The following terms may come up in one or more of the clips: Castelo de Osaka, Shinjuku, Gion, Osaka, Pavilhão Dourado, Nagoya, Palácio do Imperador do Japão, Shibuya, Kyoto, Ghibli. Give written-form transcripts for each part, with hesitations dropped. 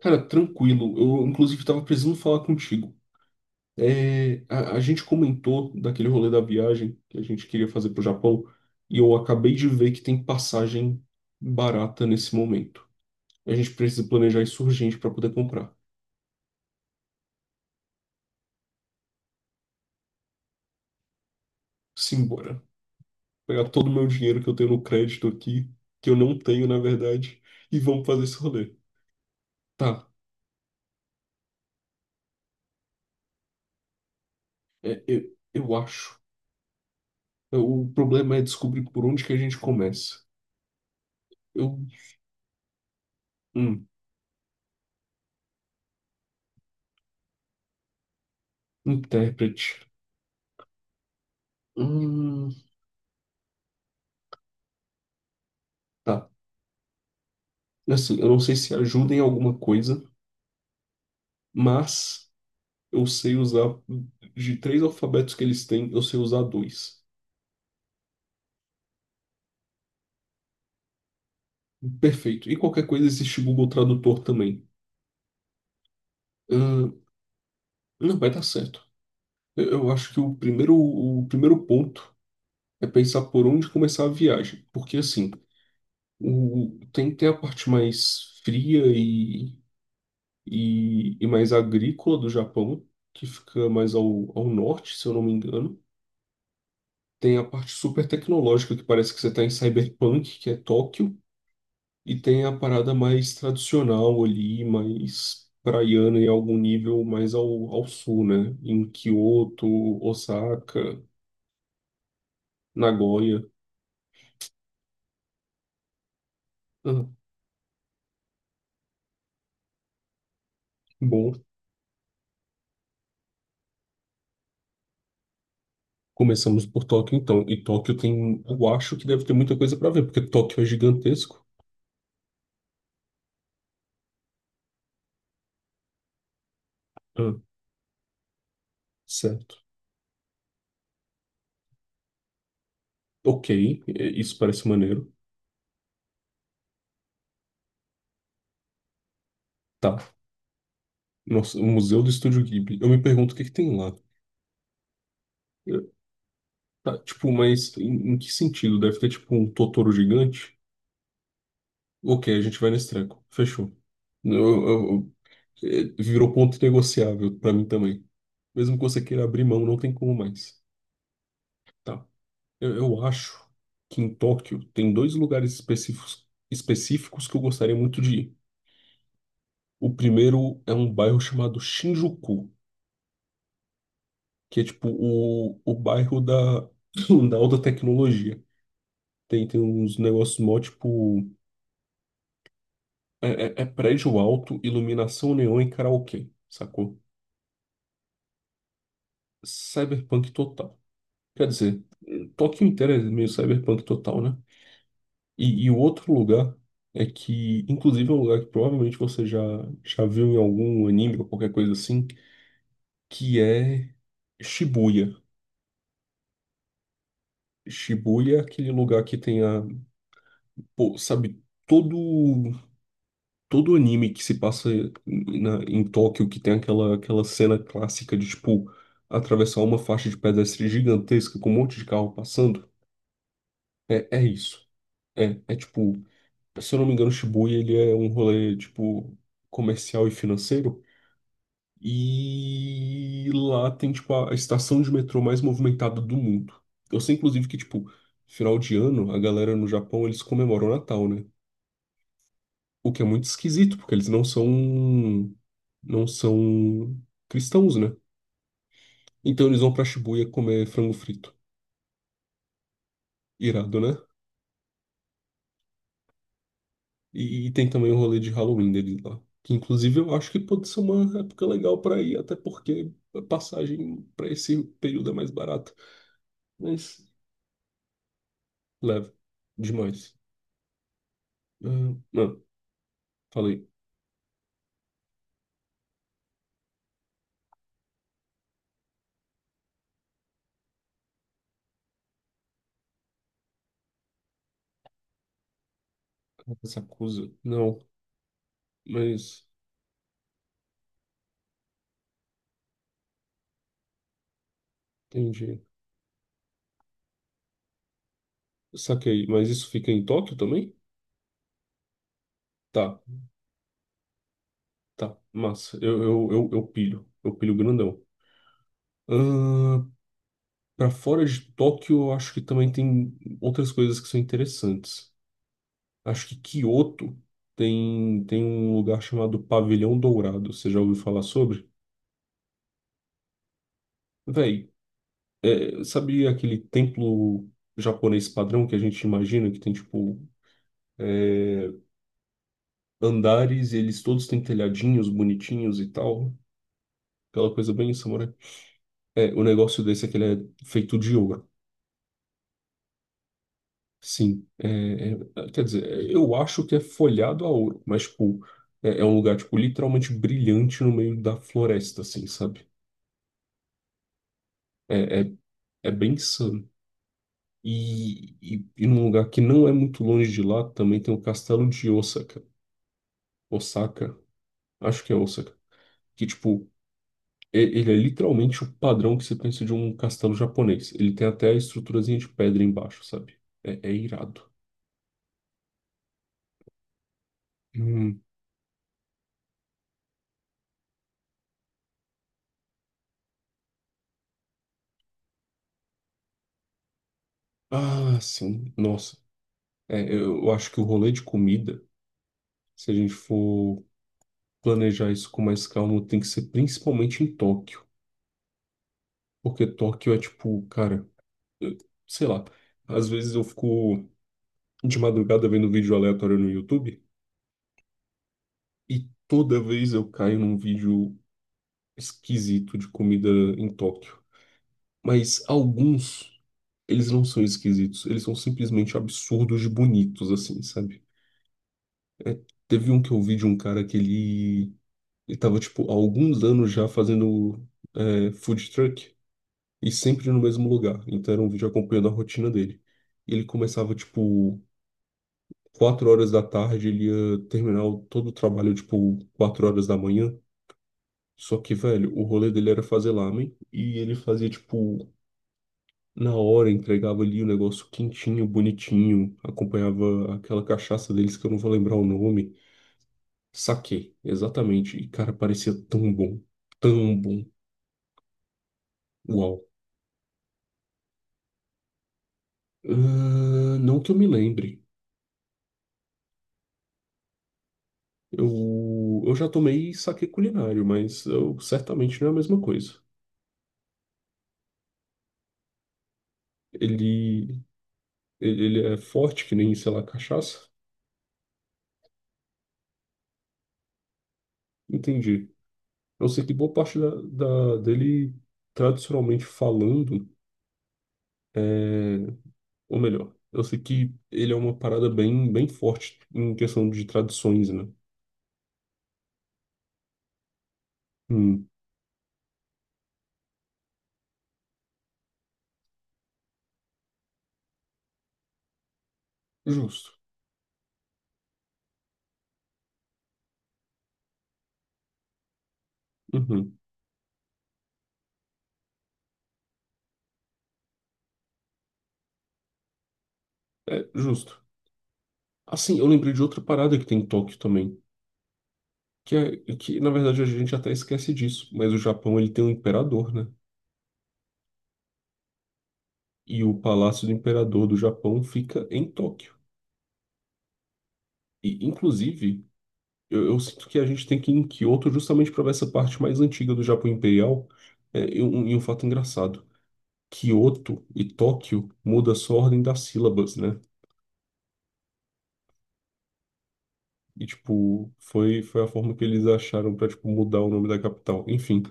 Cara, tranquilo. Eu, inclusive, estava precisando falar contigo. É, a gente comentou daquele rolê da viagem que a gente queria fazer pro Japão, e eu acabei de ver que tem passagem barata nesse momento. A gente precisa planejar isso urgente para poder comprar. Simbora. Pegar todo o meu dinheiro que eu tenho no crédito aqui, que eu não tenho, na verdade, e vamos fazer esse rolê. Tá, é, eu acho. O problema é descobrir por onde que a gente começa. Eu. Hum, intérprete. Hum. Tá. Assim, eu não sei se ajuda em alguma coisa, mas eu sei usar de três alfabetos que eles têm, eu sei usar dois. Perfeito. E qualquer coisa existe Google Tradutor também. Ahn, não vai dar certo. Eu acho que o primeiro ponto é pensar por onde começar a viagem. Porque assim, tem a parte mais fria e mais agrícola do Japão, que fica mais ao norte, se eu não me engano. Tem a parte super tecnológica, que parece que você está em Cyberpunk, que é Tóquio, e tem a parada mais tradicional ali, mais praiana em algum nível mais ao sul, né? Em Kyoto, Osaka, Nagoya. Ah, que bom. Começamos por Tóquio, então. E Tóquio tem, eu acho que deve ter muita coisa para ver, porque Tóquio é gigantesco. Ah, certo. Ok, é, isso parece maneiro. Tá. Nossa, o Museu do Estúdio Ghibli. Eu me pergunto o que que tem lá. Tá, tipo, mas em, em que sentido? Deve ter, tipo, um Totoro gigante? Ok, a gente vai nesse treco. Fechou. Eu- eu- eu- É, virou ponto negociável pra mim também. Mesmo que você queira abrir mão, não tem como mais. Tá. Eu acho que em Tóquio tem dois lugares específicos que eu gostaria muito de ir. O primeiro é um bairro chamado Shinjuku, que é tipo o bairro da, da alta tecnologia. Tem uns negócios mó, tipo. É, é prédio alto, iluminação neon e karaokê, sacou? Cyberpunk total. Quer dizer, Tóquio inteiro é meio cyberpunk total, né? E o outro lugar é que, inclusive, é um lugar que provavelmente você já viu em algum anime ou qualquer coisa assim, que é Shibuya. Shibuya é aquele lugar que tem a, pô, sabe, todo anime que se passa em Tóquio, que tem aquela cena clássica de, tipo, atravessar uma faixa de pedestre gigantesca com um monte de carro passando, é isso. É tipo, se eu não me engano, Shibuya, ele é um rolê, tipo, comercial e financeiro. E lá tem, tipo, a estação de metrô mais movimentada do mundo. Eu sei, inclusive, que, tipo, final de ano, a galera no Japão, eles comemoram o Natal, né? O que é muito esquisito, porque eles não são cristãos, né? Então eles vão pra Shibuya comer frango frito. Irado, né? E tem também o rolê de Halloween deles lá. Que inclusive eu acho que pode ser uma época legal pra ir, até porque a passagem pra esse período é mais barata. Mas leve. Demais. Ah, não, falei. Sakusa. Não, mas entendi. Saquei. Mas isso fica em Tóquio também? Tá, tá. Massa. Eu pilho. Eu pilho grandão. Ah, para fora de Tóquio, eu acho que também tem outras coisas que são interessantes. Acho que Kyoto tem um lugar chamado Pavilhão Dourado. Você já ouviu falar sobre? Véi, é, sabe aquele templo japonês padrão que a gente imagina que tem, tipo, é, andares e eles todos têm telhadinhos bonitinhos e tal? Aquela coisa bem samurai. É, o negócio desse é que ele é feito de ouro. Sim, é, quer dizer, eu acho que é folhado a ouro, mas, tipo, é um lugar, tipo, literalmente brilhante no meio da floresta, assim, sabe? É, é, é bem insano. E num lugar que não é muito longe de lá, também tem o Castelo de Osaka. Osaka, acho que é Osaka. Que, tipo, ele é literalmente o padrão que você pensa de um castelo japonês. Ele tem até a estruturazinha de pedra embaixo, sabe? É, é irado. Hum. Ah, sim. Nossa. É, eu acho que o rolê de comida. Se a gente for planejar isso com mais calma, tem que ser principalmente em Tóquio. Porque Tóquio é tipo, cara, eu- sei lá. Às vezes eu fico de madrugada vendo vídeo aleatório no YouTube e toda vez eu caio num vídeo esquisito de comida em Tóquio. Mas alguns, eles não são esquisitos, eles são simplesmente absurdos de bonitos, assim, sabe? É, teve um que eu vi de um cara que ele tava, tipo, há alguns anos já fazendo é, food truck. E sempre no mesmo lugar. Então era um vídeo acompanhando a rotina dele. Ele começava, tipo, quatro horas da tarde, ele ia terminar todo o trabalho, tipo, quatro horas da manhã. Só que, velho, o rolê dele era fazer lamen e ele fazia, tipo, na hora, entregava ali o negócio quentinho, bonitinho, acompanhava aquela cachaça deles que eu não vou lembrar o nome. Saquê, exatamente. E, cara, parecia tão bom, tão bom. Uau. Ah, não que eu me lembre. Eu já tomei saquê culinário, mas certamente não é a mesma coisa. Ele, ele é forte que nem, sei lá, cachaça? Entendi. Eu sei que boa parte dele, tradicionalmente falando, é... Ou melhor, eu sei que ele é uma parada bem, bem forte em questão de tradições, né? Hum, justo. Uhum. É, justo. Assim, eu lembrei de outra parada que tem em Tóquio também. Que, é, que, na verdade, a gente até esquece disso, mas o Japão ele tem um imperador, né? e o Palácio do Imperador do Japão fica em Tóquio. E, inclusive, eu sinto que a gente tem que ir em Kyoto justamente para ver essa parte mais antiga do Japão Imperial. É, e um fato engraçado: Kyoto e Tóquio muda só a ordem das sílabas, né? E, tipo, foi a forma que eles acharam para, tipo, mudar o nome da capital. Enfim.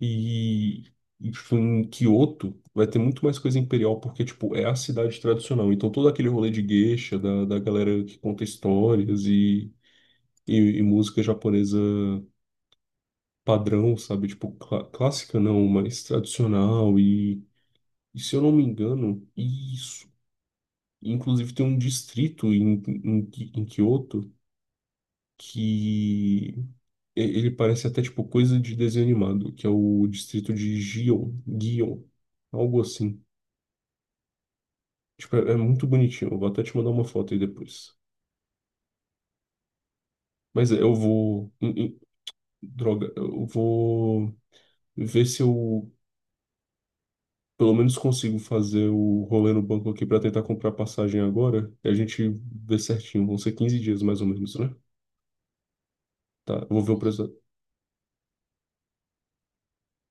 E, e, tipo, em Kyoto vai ter muito mais coisa imperial, porque, tipo, é a cidade tradicional. Então, todo aquele rolê de geisha, da galera que conta histórias e e música japonesa padrão, sabe? Tipo, clássica não, mas tradicional. E se eu não me engano, isso. Inclusive tem um distrito em, em, em Kyoto que ele parece até tipo coisa de desenho animado, que é o distrito de Gion, Gion, algo assim. Tipo, é muito bonitinho. Eu vou até te mandar uma foto aí depois. Mas é, eu vou. Droga, eu vou ver se eu pelo menos consigo fazer o rolê no banco aqui para tentar comprar passagem agora. E a gente vê certinho. Vão ser 15 dias mais ou menos, né? Tá, eu vou ver o preço.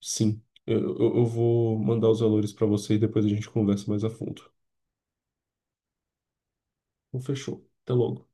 Sim, eu vou mandar os valores para você e depois a gente conversa mais a fundo. Então, fechou. Até logo.